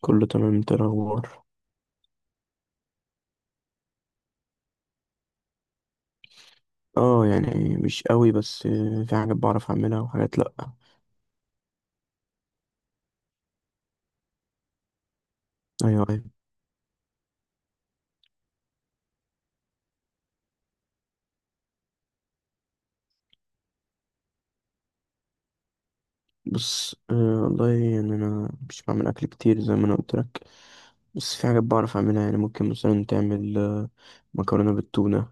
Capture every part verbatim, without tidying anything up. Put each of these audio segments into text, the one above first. كله تمام، انت إيه الاخبار؟ اه يعني مش قوي، بس آه، في حاجات بعرف اعملها وحاجات لا. ايوه ايوه. بص، آه، والله يعني انا مش بعمل اكل كتير زي ما انا قلت لك. بس في حاجات بعرف اعملها، يعني ممكن مثلا تعمل آه، مكرونه بالتونه.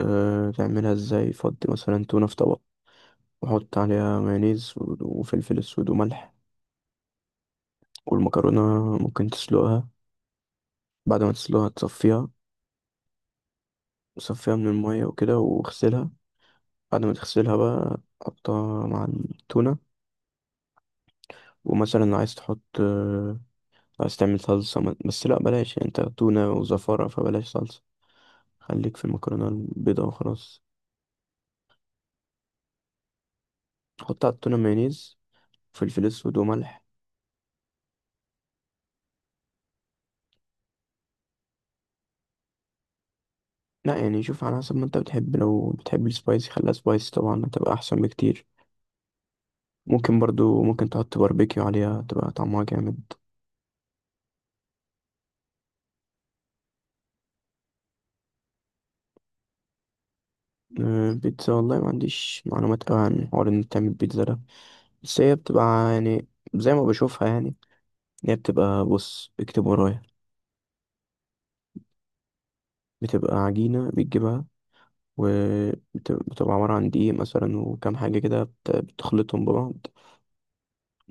أه تعملها ازاي؟ فضي مثلا تونه في طبق، وحط عليها مايونيز و- وفلفل اسود وملح. والمكرونه ممكن تسلقها. بعد ما تسلقها تصفيها تصفيها من الميه وكده واغسلها. بعد ما تغسلها بقى حطها مع التونه. ومثلا عايز تحط آه، عايز تعمل صلصة ما- بس لا بلاش، يعني انت تونة وزفارة فبلاش صلصة. خليك في المكرونة البيضاء وخلاص. تحط على التونة مايونيز، فلفل اسود وملح. لا يعني شوف على حسب ما انت بتحب، لو بتحب السبايسي خليها سبايسي، طبعا هتبقى احسن بكتير. ممكن برضو ممكن تحط باربيكيو عليها تبقى طعمها جامد. آه، بيتزا، والله ما عنديش معلومات قوي عن حوار ان انت تعمل بيتزا ده. بس هي بتبقى، يعني زي ما بشوفها يعني، هي بتبقى. بص اكتب ورايا. بتبقى عجينة بتجيبها، وبتبقى عبارة عن دقيق مثلا وكام حاجة كده، بت- بتخلطهم ببعض.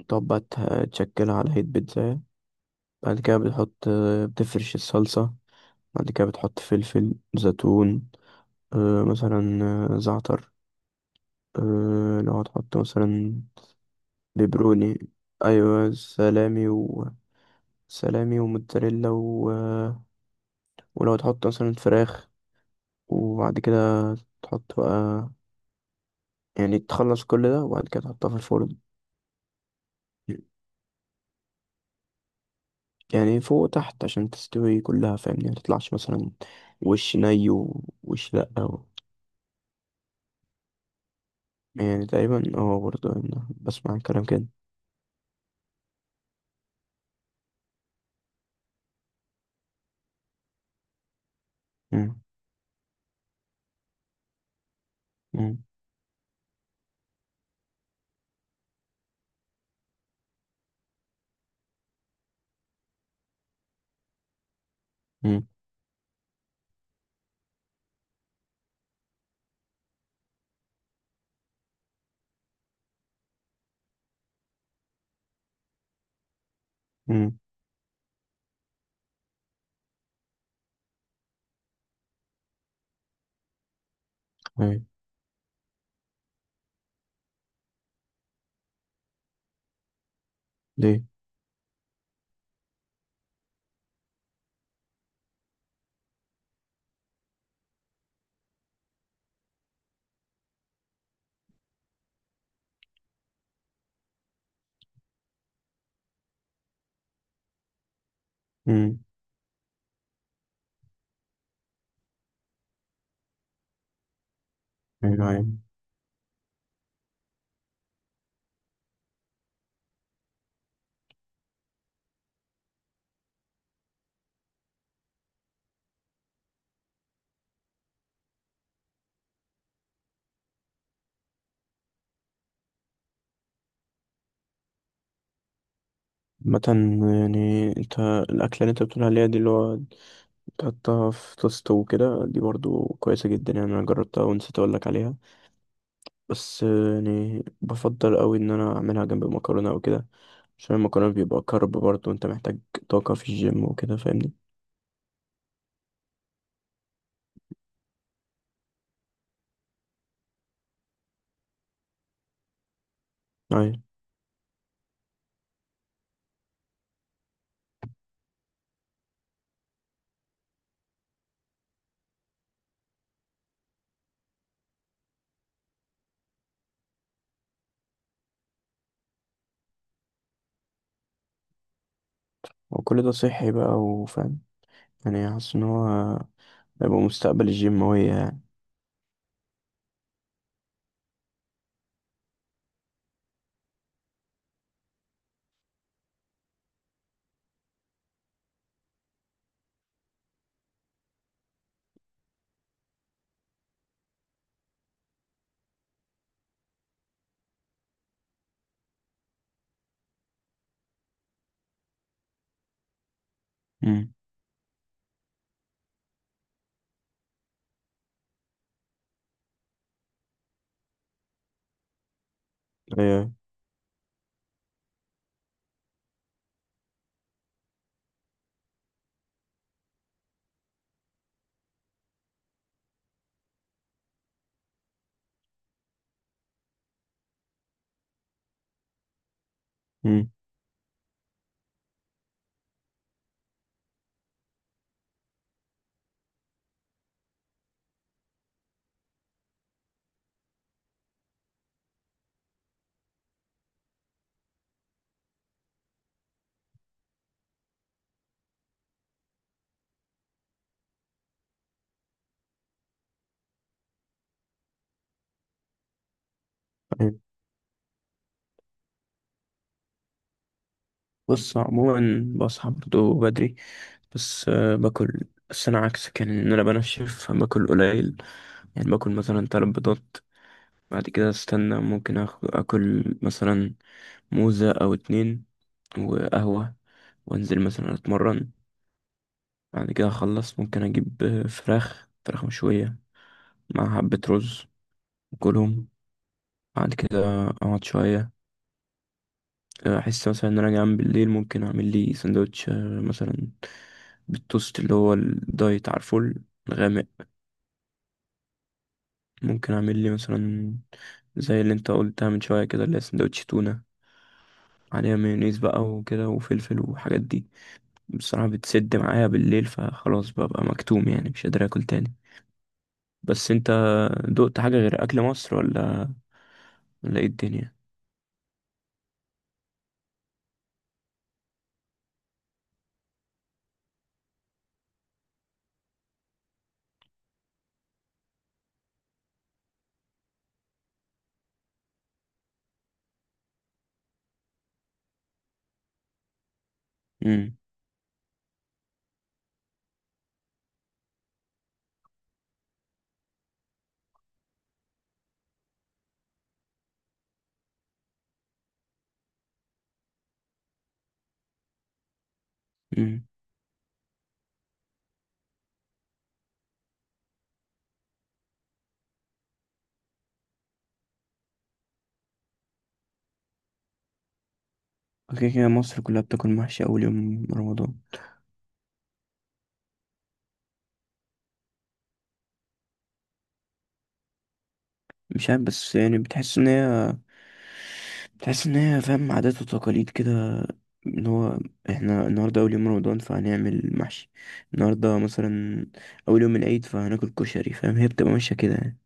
تقعد بقى ت- تشكلها على هيئة بيتزا. بعد كده بتحط، بتفرش الصلصة. بعد كده بتحط فلفل، زيتون آه، مثلا، آه، زعتر، آه، لو هتحط مثلا بيبروني. أيوة سلامي و سلامي وموتزاريلا و ولو تحط مثلا فراخ، وبعد كده تحط بقى، يعني تخلص كل ده وبعد كده تحطها في الفرن. يعني فوق وتحت عشان تستوي كلها فاهمني، ما تطلعش مثلا وش ني ووش لأ أو. يعني تقريبا اه، برضه أنا بسمع الكلام كده. مم. مم. مم. مم. أيوة. ليه؟ مم. أيوة أيوة. مثلا، يعني انت الأكلة اللي انت بتقول عليها دي اللي هو تحطها في توست وكده دي برضه كويسة جدا، يعني أنا جربتها ونسيت أقولك عليها. بس يعني بفضل أوي إن أنا أعملها جنب المكرونة أو كده، عشان المكرونة بيبقى كارب، برضه انت محتاج طاقة في الجيم وكده فاهمني. أيوة. وكل ده صحي بقى وفاهم، يعني حاسس إن هو هيبقى مستقبل الجيم هو يعني. أمم. أيوة. أمم. أيوة. بص عموما بصحى برضه بدري. بس آه، باكل، بس أنا عكسك يعني إن أنا بنشف باكل قليل. يعني باكل مثلا تلات بيضات. بعد كده أستنى، ممكن آخ- آكل مثلا موزة أو اتنين، وقهوة، وأنزل مثلا أتمرن. بعد كده أخلص، ممكن أجيب آه، فراخ فراخ مشوية مع حبة رز وكلهم. بعد كده اقعد شويه، احس مثلا ان انا جعان بالليل ممكن اعمل لي سندوتش، آه، مثلا بالتوست اللي هو الدايت، عارفه، الغامق. ممكن اعمل لي مثلا زي اللي انت قلتها من شويه كده، اللي هي سندوتش تونه عليها مايونيز بقى وكده وفلفل والحاجات دي. بصراحه بتسد معايا بالليل فخلاص ببقى مكتوم، يعني مش قادر اكل تاني. بس انت دقت حاجه غير اكل مصر؟ ولا ولا ايه الدنيا؟ امم. امم. كده كده مصر كلها بتاكل محشي اول يوم رمضان. مش عارف، بس يعني بتحس ان هي بتحس ان هي فاهم، عادات وتقاليد كده، ان هو احنا النهارده اول يوم رمضان فهنعمل محشي. النهارده مثلا اول يوم العيد فهناكل كشري، فاهم، هي بتبقى ماشيه كده يعني.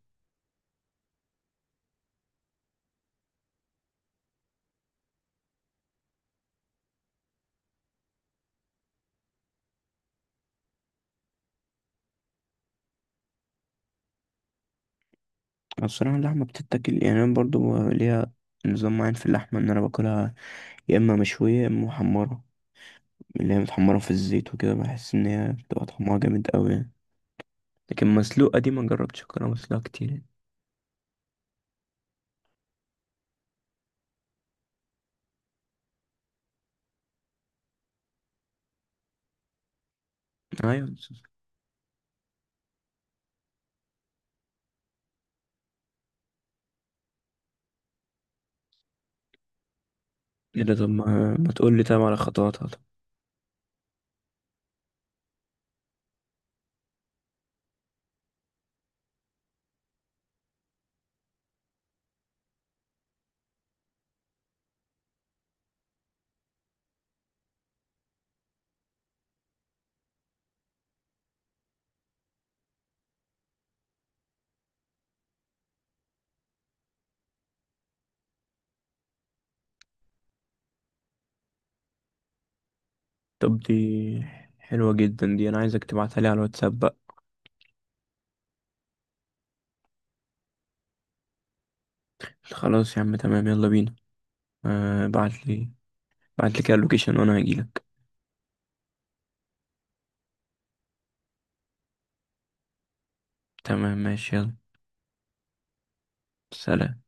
أنا الصراحه اللحمه بتتاكل، يعني انا برضو ليها نظام معين في اللحمه ان انا باكلها، يا اما مشويه يا اما محمره. اللي هي متحمره في الزيت وكده، بحس ان هي بتبقى طعمها جامد قوي يعني. لكن مسلوقه دي ما جربتش اكلها مسلوقه كتير يعني. ايوه. ايه ده، طب ما, ما تقول لي طب على خطواتها طب. طب دي حلوة جدا دي، انا عايزك تبعتها لي على الواتساب بقى. خلاص يا عم، تمام، يلا بينا. آه بعت لي. بعت لي كده اللوكيشن وانا هجيلك. تمام، ماشي، يلا سلام.